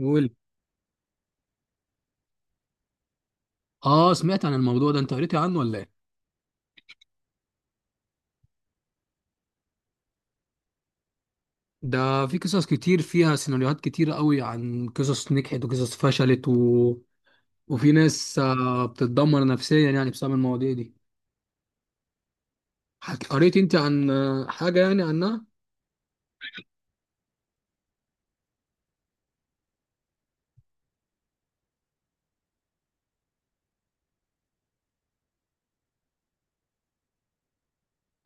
قول. اه، سمعت عن الموضوع ده. انت قريت عنه ولا ايه؟ ده في قصص كتير فيها سيناريوهات كتيرة قوي عن قصص نجحت وقصص فشلت وفي ناس بتتدمر نفسيا، يعني بسبب المواضيع دي. قريت انت عن حاجة يعني عنها؟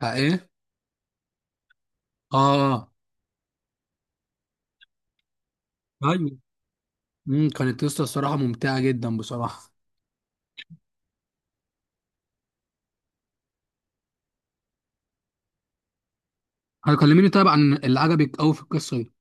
آه، ايه. اه. ايوه. كانت قصة الصراحة ممتعة جدا بصراحة. هتكلميني طيب عن اللي عجبك قوي في القصة دي؟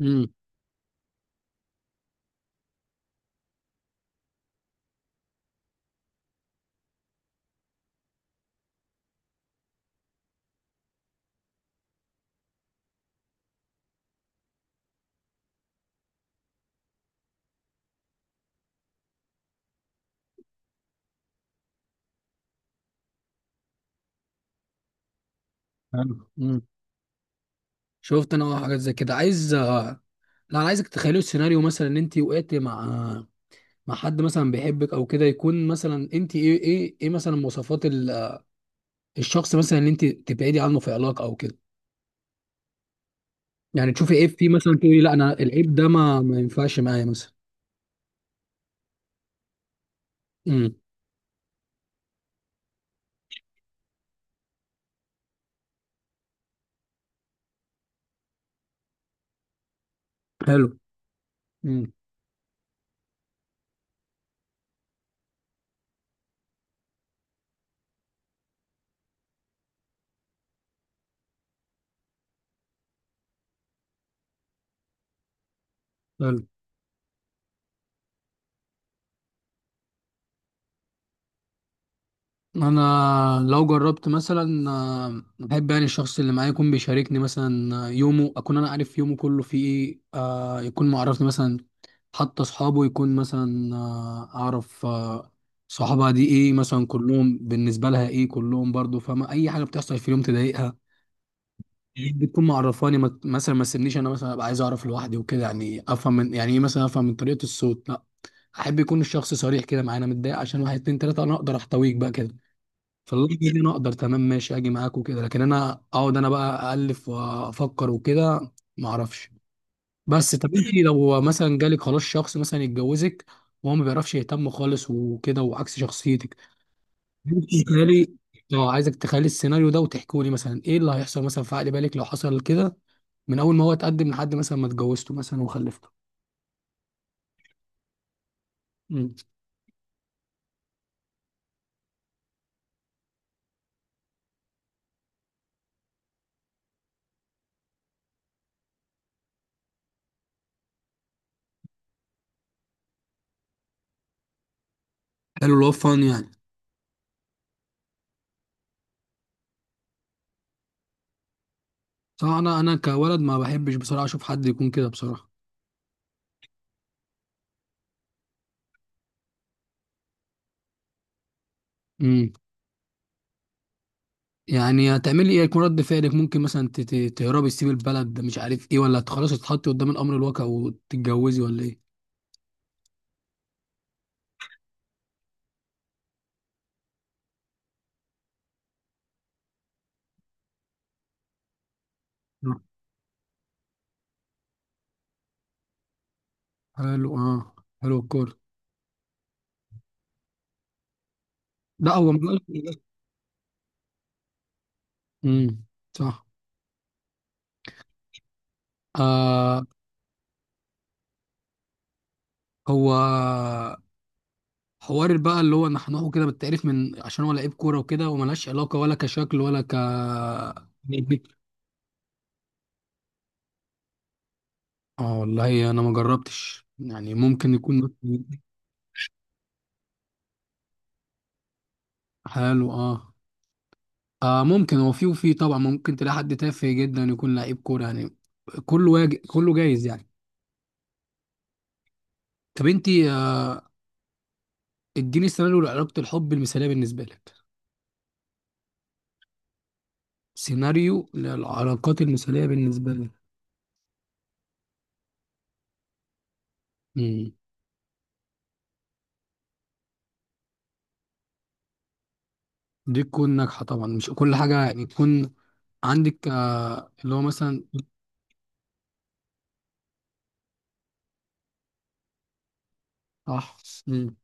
امم. حلو. امم. شفت انا حاجات زي كده. عايز لا، انا عايزك تخيلوا السيناريو مثلا، ان انت وقعت مع حد مثلا بيحبك او كده. يكون مثلا انت ايه ايه ايه مثلا مواصفات الشخص مثلا اللي انت تبعدي عنه في علاقه او كده. يعني تشوفي عيب فيه، مثلا تقولي لا، انا العيب ده ما ينفعش معايا مثلا. امم. حلو. امم. حلو. انا لو جربت مثلا، بحب يعني الشخص اللي معايا يكون بيشاركني مثلا يومه، اكون انا عارف يومه كله فيه ايه. يكون معرفني مثلا حتى اصحابه. يكون مثلا اعرف صحابها دي ايه، مثلا كلهم بالنسبه لها ايه، كلهم برضو فاهمه اي حاجه بتحصل في اليوم تضايقها. بتكون معرفاني، مثلا ما تسيبنيش انا، مثلا ابقى عايز اعرف لوحدي وكده. يعني افهم من، يعني ايه، مثلا افهم من طريقه الصوت. لا، احب يكون الشخص صريح كده معايا. انا متضايق عشان واحد اتنين تلاته، انا اقدر احتويك بقى كده. فاللحظه دي انا اقدر، تمام ماشي اجي معاك وكده. لكن انا اقعد انا بقى الف وافكر وكده، ما اعرفش. بس طب، انت لو مثلا جالك خلاص شخص مثلا يتجوزك، وهو ما بيعرفش يهتم خالص وكده، وعكس شخصيتك؟ انت تخيلي. اه، عايزك تخيلي السيناريو ده، وتحكوا لي مثلا ايه اللي هيحصل مثلا في عقل بالك لو حصل كده، من اول ما هو اتقدم لحد مثلا ما اتجوزته مثلا وخلفته. مم. حلو، اللي هو فان يعني؟ صح. انا كولد ما بحبش بصراحه اشوف حد يكون كده بصراحه. مم. يعني هتعملي ايه؟ هيكون رد فعلك ممكن مثلا تهربي، تسيبي البلد، مش عارف ايه، ولا خلاص تتحطي قدام الامر الواقع وتتجوزي، ولا ايه؟ نعم. حلو. اه. حلو، الكورة. لا، هو مبقاش. امم. صح. آه. هو، حوار بقى اللي هو نحنحه كده، بالتعريف، من عشان هو لعيب كورة وكده، وملهاش علاقة، ولا كشكل ولا اه والله، انا ما جربتش يعني، ممكن يكون. حلو. اه. آه، ممكن. هو في وفي طبعا ممكن تلاقي حد تافه جدا يكون لعيب كوره يعني. كله كله جايز يعني. طب انت اديني سيناريو لعلاقه الحب المثاليه بالنسبه لك. سيناريو للعلاقات المثاليه بالنسبه لك. امم. دي تكون ناجحه طبعا. مش كل حاجه يعني تكون عندك، اللي هو مثلا. صح. امم.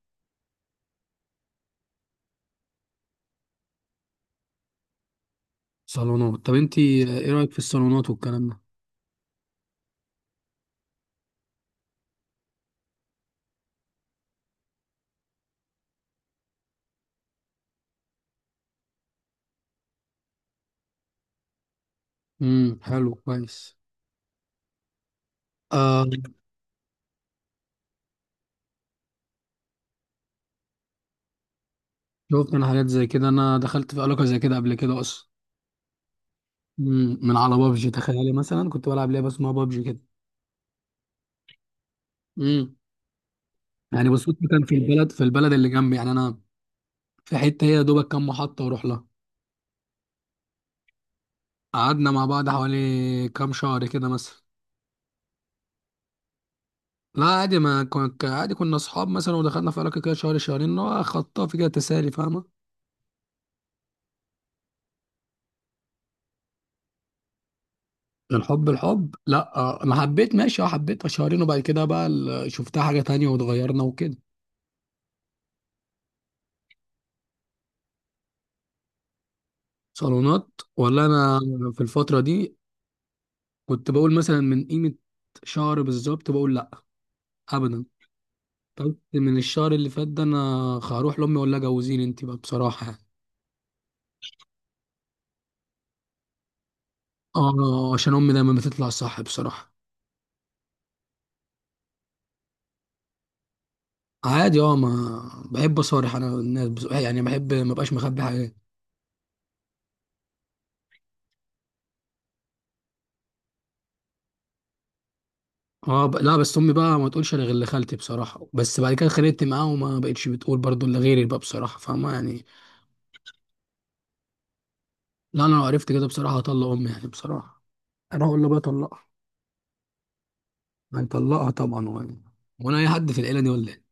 صالونات. طب انت ايه رايك في الصالونات والكلام ده؟ امم. حلو، كويس. آه. شفت انا حاجات زي كده. انا دخلت في علاقه زي كده قبل كده اصلا. مم. من على بابجي، تخيلي، مثلا كنت بلعب لعبه اسمها بابجي كده. امم. يعني بالصدفه، كان في البلد اللي جنبي يعني. انا في حته هي يا دوبك كام محطه واروح لها. قعدنا مع بعض حوالي كام شهر كده مثلا. لا، عادي، ما كنت عادي. كنا اصحاب مثلا، ودخلنا في علاقه كده شهر شهرين، اللي هو خطاف كده، تسالي. فاهمه؟ الحب الحب، لا. انا حبيت، ماشي. اه، حبيتها شهرين، وبعد كده بقى شفتها حاجه تانية واتغيرنا وكده. صالونات ولا؟ انا في الفتره دي كنت بقول مثلا من قيمه شهر بالظبط، بقول لا، ابدا. طب من الشهر اللي فات ده، انا هروح لامي اقول لها جوزيني انت بقى بصراحه يعني. اه، عشان امي دايما بتطلع صح بصراحه. عادي. اه، ما بحب اصارح انا الناس، يعني بحب ما بقاش مخبي حاجات. اه، لا، بس امي بقى ما تقولش الا غير لخالتي بصراحه، بس بعد كده خليت معاها وما بقتش بتقول برضو الا غيري بقى بصراحه، فاهمه يعني؟ لا، انا لو عرفت كده بصراحه، هطلق امي يعني بصراحه. انا اقول له بقى طلقها. هنطلقها طبعا. وانا اي حد في العيله دي، ولا ايه؟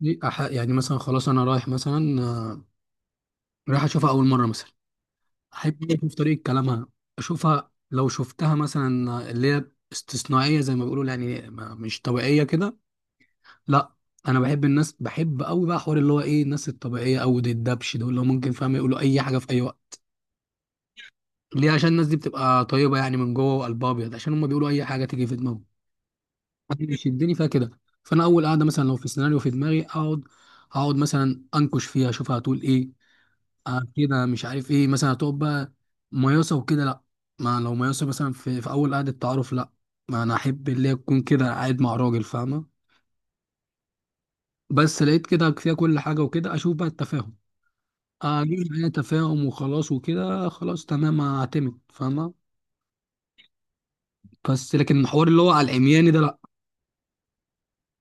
دي يعني مثلا خلاص، انا رايح مثلا رايح اشوفها اول مره مثلا. احب اشوف طريقه كلامها. اشوفها، لو شفتها مثلا اللي هي استثنائيه زي ما بيقولوا، يعني مش طبيعيه كده، لا. انا بحب الناس، بحب قوي بقى، حوار اللي هو ايه، الناس الطبيعيه، او دي الدبش دول اللي هو ممكن، فاهم، يقولوا اي حاجه في اي وقت. ليه؟ عشان الناس دي بتبقى طيبه يعني من جوه، وقلبها ابيض، عشان هم بيقولوا اي حاجه تيجي في دماغهم. أنا بيشدني فيها كده. فانا اول قاعده، مثلا لو في سيناريو في دماغي، اقعد مثلا انكش فيها، اشوفها هتقول ايه. كده، مش عارف ايه، مثلا هتقف بقى مياسة وكده، لا. ما لو مياسة مثلا في اول قعدة تعارف، لا. ما انا احب اللي هي تكون كده قاعد مع راجل، فاهمة؟ بس لقيت كده فيها كل حاجة وكده، اشوف بقى التفاهم. اجيب معايا تفاهم وخلاص وكده، خلاص تمام هعتمد، فاهمة؟ بس لكن الحوار اللي هو على العمياني ده، لا.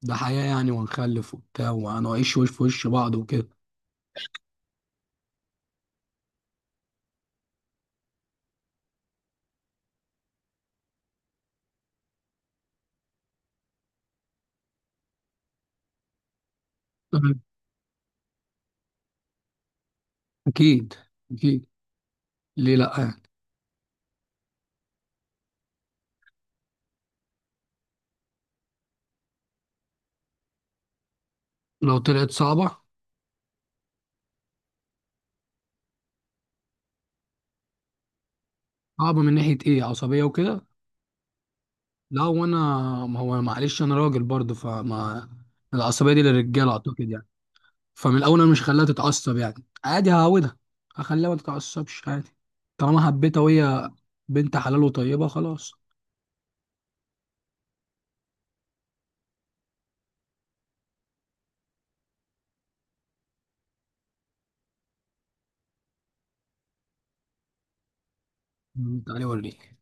ده حياة يعني، وهنخلف وبتاع، وهنعيش وش في وش بعض وكده. أه. اكيد. اكيد. ليه لا يعني؟ لو طلعت صعبة، صعبة من ناحية ايه؟ عصبية وكده. لا، وانا، ما هو معلش، انا راجل برضه، فما العصبيه دي للرجاله اعتقد يعني. فمن الاول، انا مش خلاها تتعصب يعني، عادي هعودها، هخليها ما تتعصبش عادي. طالما حبيتها وهي بنت حلال وطيبه، خلاص. تعالي وريني.